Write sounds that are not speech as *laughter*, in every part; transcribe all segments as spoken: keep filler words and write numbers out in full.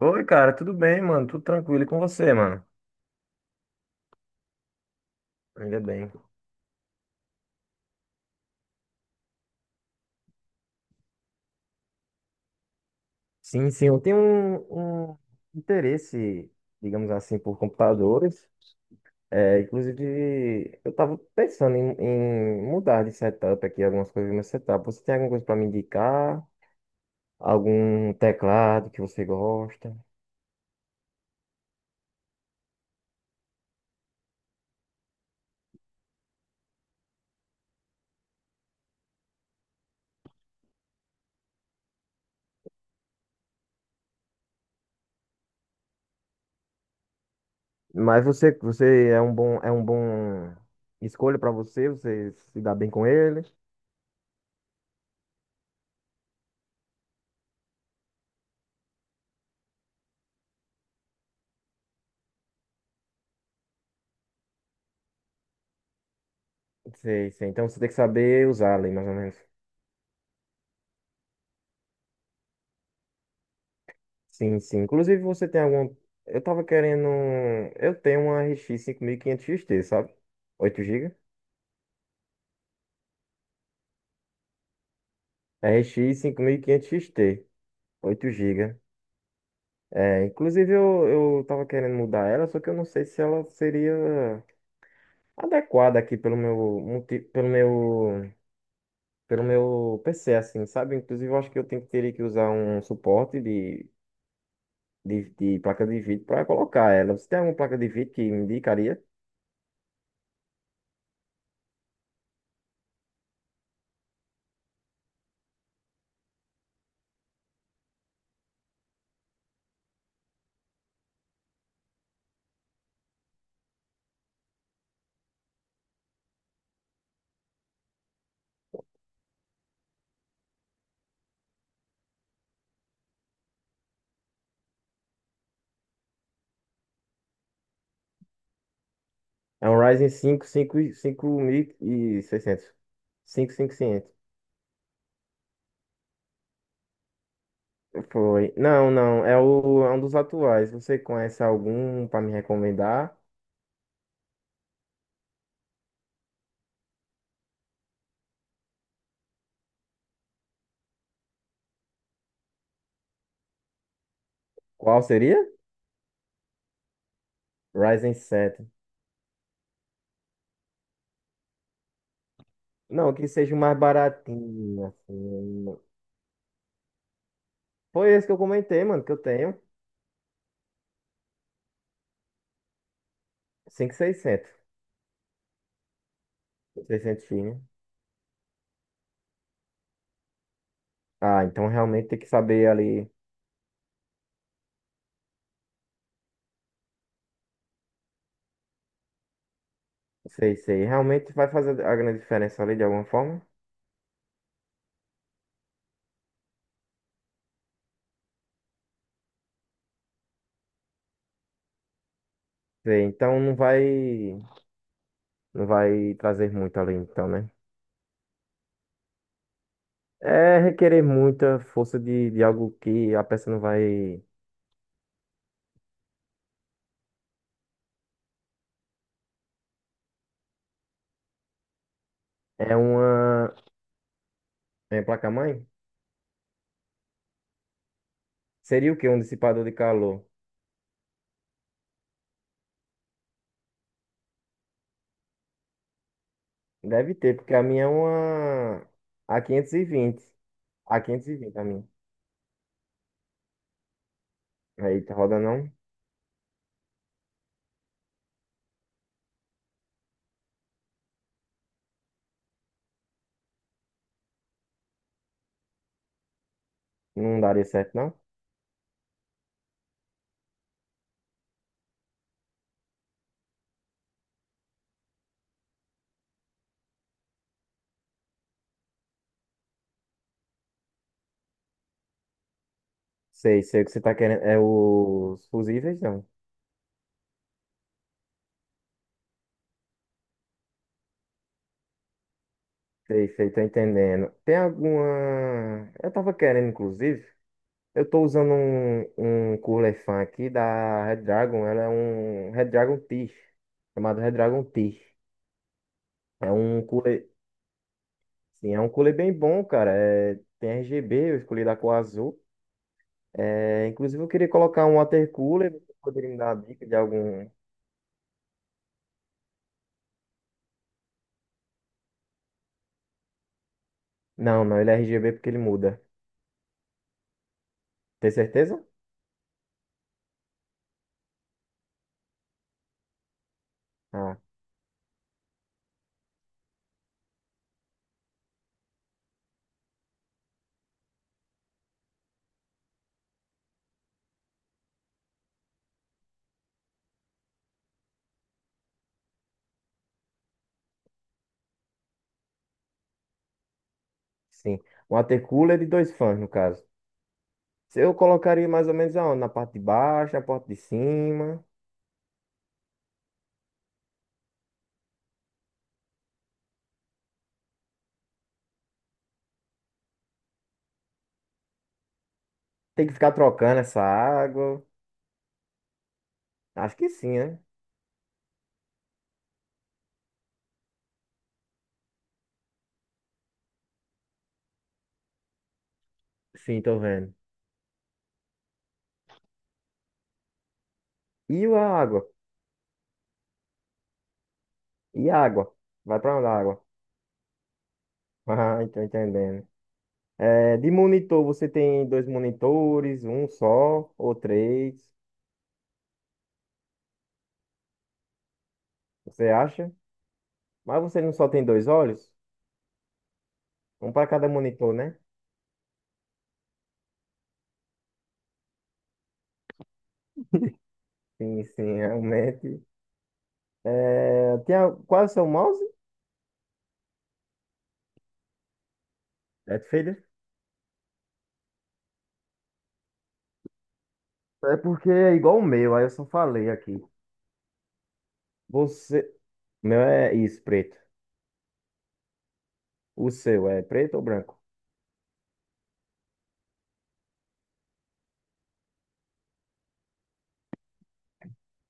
Oi, cara, tudo bem, mano? Tudo tranquilo e com você, mano? Ainda bem. Sim, sim, eu tenho um, um interesse, digamos assim, por computadores. É, inclusive, eu estava pensando em, em mudar de setup aqui, algumas coisas no meu setup. Você tem alguma coisa para me indicar? Algum teclado que você gosta? Mas você, você é um bom, é um bom escolha para você, você se dá bem com ele? Sei, sei. Então você tem que saber usar ali, mais ou menos. Sim, sim. Inclusive, você tem algum. Eu tava querendo. um- Eu tenho uma R X cinco mil e quinhentos t, sabe? oito gigas. R X cinco mil e quinhentos t oito gigas. É, inclusive, eu, eu tava querendo mudar ela, só que eu não sei se ela seria adequada aqui pelo meu, multi- pelo meu, pelo meu P C, assim, sabe? Inclusive, eu acho que eu tenho, teria que usar um suporte de, de, de placa de vídeo para colocar ela. Você tem alguma placa de vídeo que me indicaria? É um Ryzen cinco, cinco, cinco mil e- cinco mil e seiscentos. cinquenta e cinco. Foi. Não, não. É, o, é um dos atuais. Você conhece algum para me recomendar? Qual seria? Ryzen sete. Não, que seja o mais baratinho, assim. Foi esse que eu comentei, mano, que eu tenho. cinco mil e seiscentos. seiscentos, né? Ah, então realmente tem que saber ali. Sei, sei. Realmente vai fazer a grande diferença ali de alguma forma? Sei, então não vai, não vai trazer muito ali, então, né? É requerer muita força de, de algo que a peça não vai. É uma. É placa-mãe? Seria o quê? Um dissipador de calor? Deve ter, porque a minha é uma. a quinhentos e vinte a quinhentos e vinte a minha. Aí tá roda não? Não daria certo, não? Sei, sei o que você tá querendo. É os fusíveis, não? Sei, sei, tô entendendo. Tem alguma. Eu tava querendo, inclusive. Eu tô usando um, um cooler fan aqui da Red Dragon. Ela é um Red Dragon Tish, chamado Red Dragon Tish. É um cooler, sim, é um cooler bem bom, cara. É, tem R G B, eu escolhi da cor azul. É, inclusive eu queria colocar um water cooler, você poderia me dar uma dica de algum... Não, não, ele é R G B porque ele muda. Tem certeza? Ah, sim. Um water cooler de dois fãs, no caso. Se Eu colocaria mais ou menos aonde? Na parte de baixo, na parte de cima. Tem que ficar trocando essa água. Acho que sim, né? Sim, tô vendo. E a água? E a água? Vai pra onde a água? *laughs* Ah, tô entendendo. É, de monitor, você tem dois monitores, um só ou três, você acha? Mas você não só tem dois olhos? Um para cada monitor, né? Sim, sim, *laughs* realmente. É, tem a- qual é o seu mouse? Deathfader? É porque é igual o meu, aí eu só falei aqui. Você. O meu é isso, preto. O seu é preto ou branco?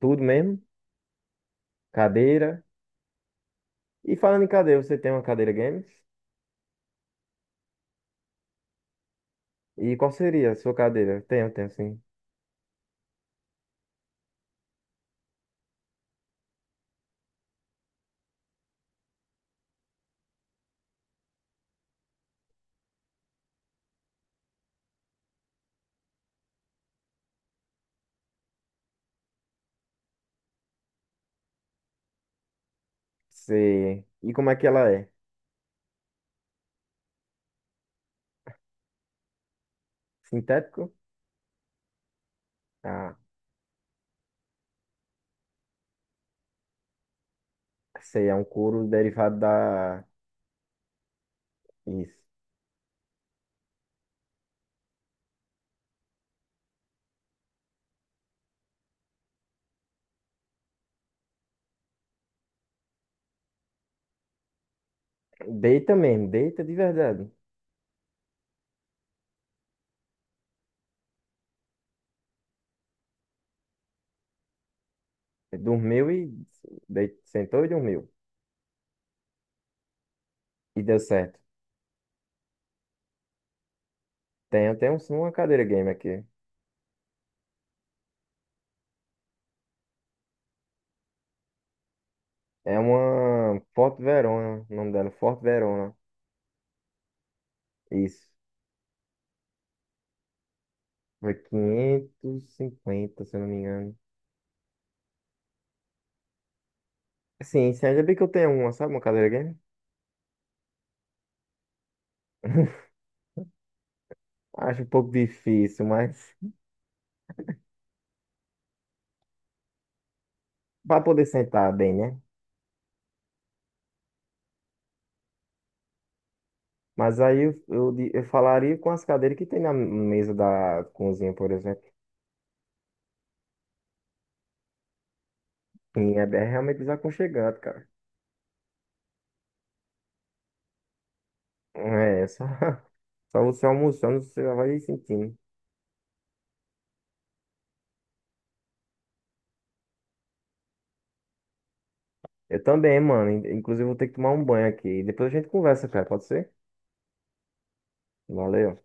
Tudo mesmo? Cadeira? E falando em cadeira, você tem uma cadeira games? E qual seria a sua cadeira? Tenho, tenho sim. Você... E como é que ela é? Sintético? Ah, sei, é um couro derivado da. Isso. Deita mesmo, deita de verdade. Dormiu e. deit- Sentou e dormiu. E deu certo. Tenho, tenho sim, uma cadeira game aqui. É uma Forte Verona, o nome dela, Forte Verona. Isso. Foi quinhentos e cinquenta, se eu não me engano. Sim, sim, ainda bem que eu tenho uma, sabe? Uma cadeira game. *laughs* Acho um pouco difícil, mas para poder sentar bem, né? Mas aí eu, eu, di- eu falaria com as cadeiras que tem na mesa da cozinha, por exemplo. E é bem- é realmente desaconchegante, cara. É, só, *laughs* só você almoçando, você já vai sentindo. Eu também, mano. In- Inclusive, vou ter que tomar um banho aqui. Depois a gente conversa, cara. Pode ser? Valeu.